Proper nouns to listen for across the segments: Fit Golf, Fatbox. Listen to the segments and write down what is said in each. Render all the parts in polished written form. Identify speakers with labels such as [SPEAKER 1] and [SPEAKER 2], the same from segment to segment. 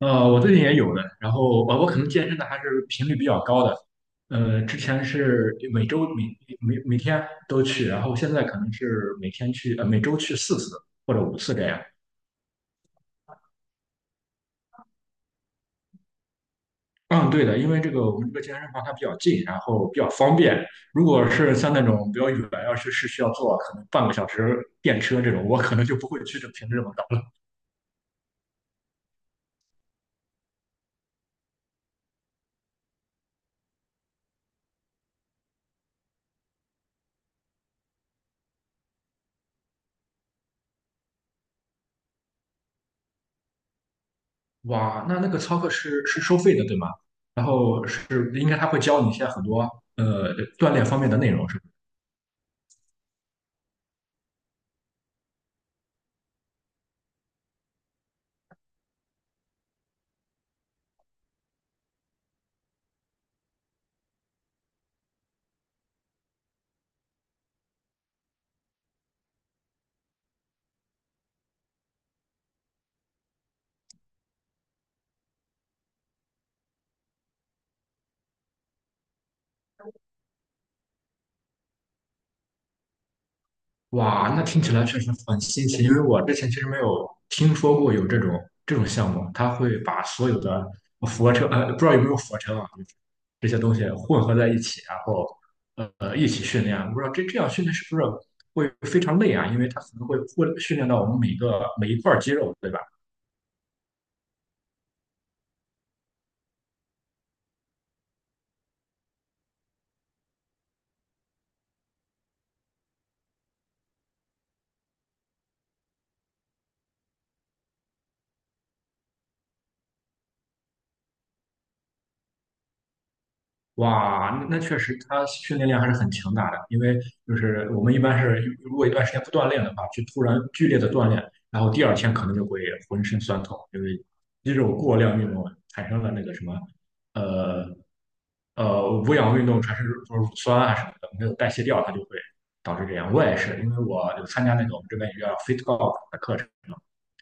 [SPEAKER 1] 我最近也有的，然后我可能健身的还是频率比较高的，之前是每周每天都去，然后现在可能是每天去，每周去4次或者五次这样。嗯，对的。因为这个我们这个健身房它比较近，然后比较方便。如果是像那种比较远，要是需要坐可能半个小时电车这种，我可能就不会去这频率这么高了。哇，那那个操课是收费的，对吗？然后是应该他会教你一些很多锻炼方面的内容，是吧？哇，那听起来确实很新奇，因为我之前其实没有听说过有这种项目，它会把所有的俯卧撑，不知道有没有俯卧撑啊，就是这些东西混合在一起，然后一起训练。不知道这样训练是不是会非常累啊？因为它可能会训练到我们每一块肌肉，对吧？哇，那确实，他训练量还是很强大的。因为就是我们一般是，如果一段时间不锻炼的话，去突然剧烈的锻炼，然后第二天可能就会浑身酸痛，因为肌肉过量运动啊产生了那个什么，呃无氧运动产生就是乳酸啊什么的，没有代谢掉，它就会导致这样。我也是，因为我有参加那个我们这边有一个叫 Fit Golf 的课程，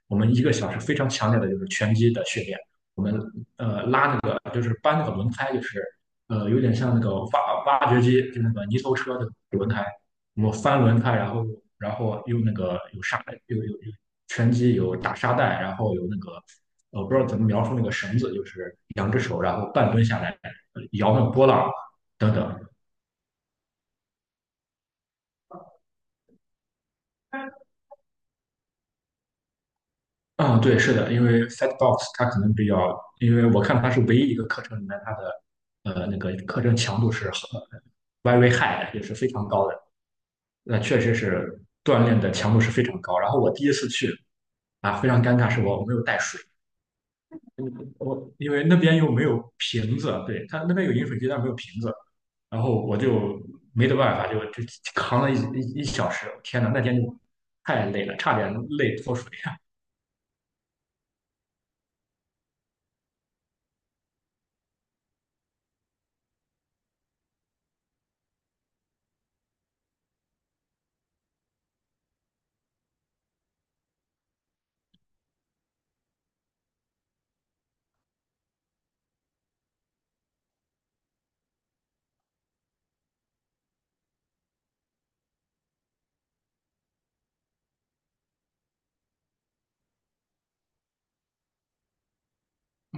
[SPEAKER 1] 我们1个小时非常强烈的就是拳击的训练，我们拉那个就是搬那个轮胎就是。有点像那个挖掘机，就那个泥头车的轮胎，我翻轮胎，然后用那个有沙有有有拳击有打沙袋，然后有那个我不知道怎么描述那个绳子，就是2只手，然后半蹲下来摇那个波浪等等。嗯，对，是的。因为 Fatbox 它可能比较，因为我看它是唯一一个课程里面它的那个课程强度是很 very high 的，也是非常高的。那确实是锻炼的强度是非常高。然后我第一次去啊，非常尴尬，是我没有带水，我因为那边又没有瓶子，对，它那边有饮水机，但是没有瓶子，然后我就没得办法，就扛了一一一小时，天呐，那天就太累了，差点累脱水。呀！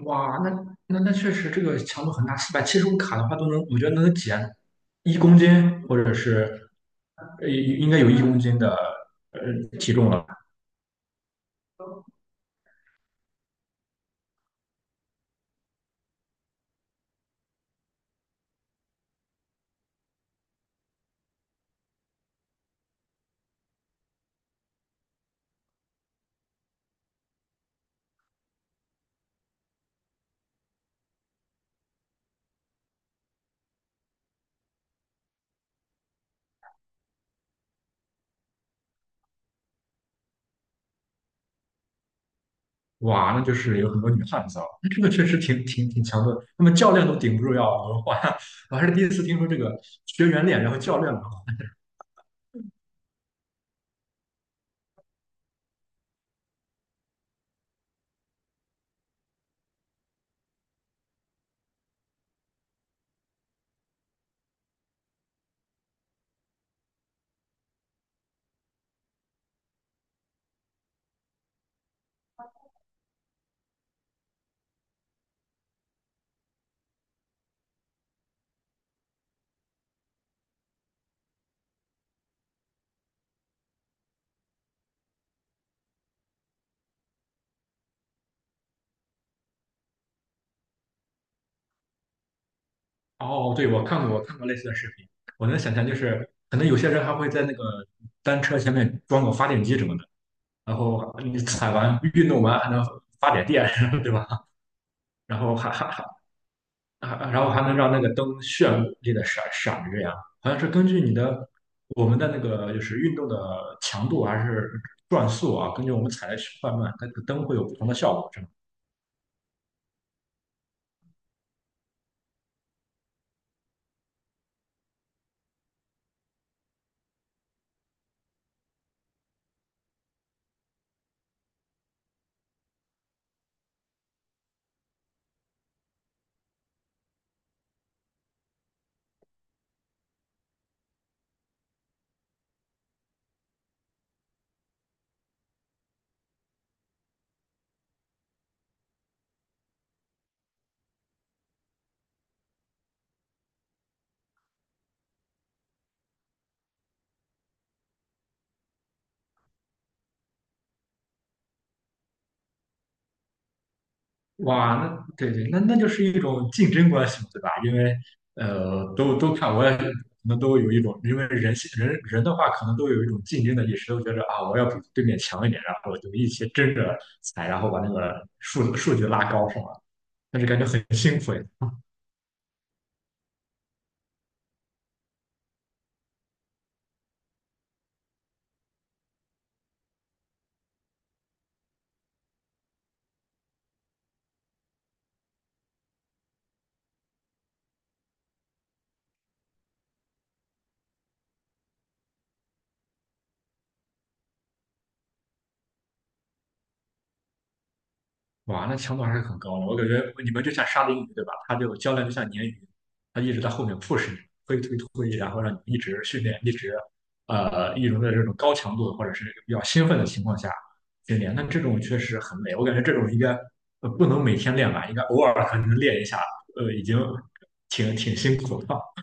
[SPEAKER 1] 哇，那确实这个强度很大，475卡的话都能，我觉得能减一公斤，或者是应该有一公斤的呃体重了。哇，那就是有很多女汉子啊，那这个确实挺强的，那么教练都顶不住要轮换啊，我还是第一次听说这个学员练，然后教练轮换。哦，对，我看过，我看过类似的视频。我能想象，就是可能有些人还会在那个单车前面装个发电机什么的，然后你踩完运动完还能发点电，对吧？然后哈哈哈。啊，然后还能让那个灯炫丽的闪闪着呀，好像是根据你的我们的那个就是运动的强度还是转速啊，根据我们踩的快慢，它这个灯会有不同的效果，是吗？哇，那对对，那就是一种竞争关系嘛，对吧？因为都看，我也可能都有一种，因为人人的话，可能都有一种竞争的意识，都觉得啊，我要比对面强一点，然后就一起争着踩，然后把那个数据拉高，是吗？但是感觉很辛苦诶。哇，那强度还是很高的。我感觉你们就像沙丁鱼，对吧？它就教练就像鲶鱼，它一直在后面 push 你，推推推，然后让你一直训练，一直一直在这种高强度或者是比较兴奋的情况下训练。那这种确实很累，我感觉这种应该不能每天练吧，应该偶尔可能练一下，已经挺辛苦了。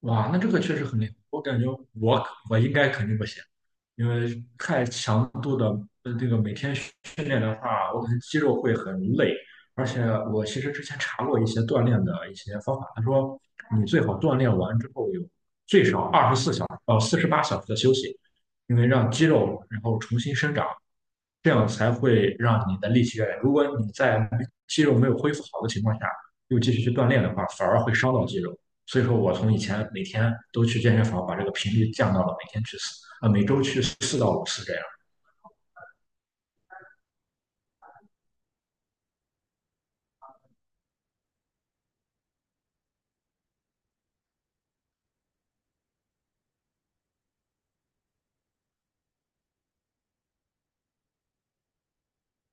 [SPEAKER 1] 哇，那这个确实很累，我感觉我应该肯定不行。因为太强度的这个每天训练的话，我感觉肌肉会很累。而且我其实之前查过一些锻炼的一些方法，他说你最好锻炼完之后有最少24小时到48小时的休息，因为让肌肉然后重新生长。这样才会让你的力气越来越。如果你在肌肉没有恢复好的情况下，又继续去锻炼的话，反而会伤到肌肉。所以说我从以前每天都去健身房，把这个频率降到了每天去四啊，每周去4到5次这样。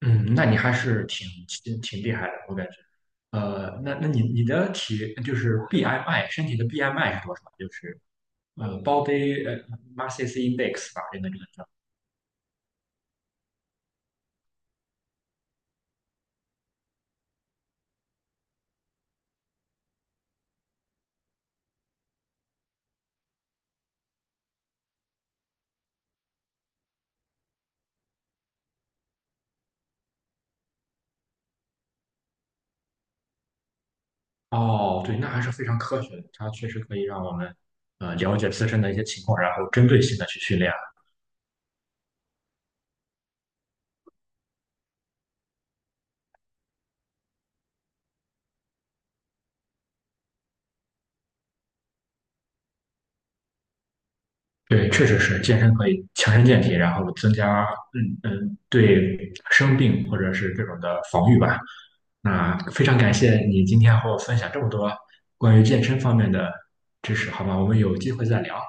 [SPEAKER 1] 嗯，那你还是挺厉害的，我感觉。那你的体就是 BMI 身体的 BMI 是多少？就是body mass index 吧，这个叫。哦，对，那还是非常科学的，它确实可以让我们了解自身的一些情况，然后针对性的去训练。对，确实是健身可以强身健体，然后增加对生病或者是这种的防御吧。那非常感谢你今天和我分享这么多关于健身方面的知识，好吧，我们有机会再聊。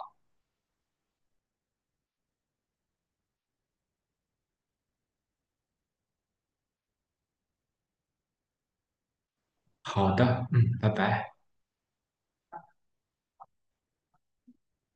[SPEAKER 1] 好的，嗯，拜拜。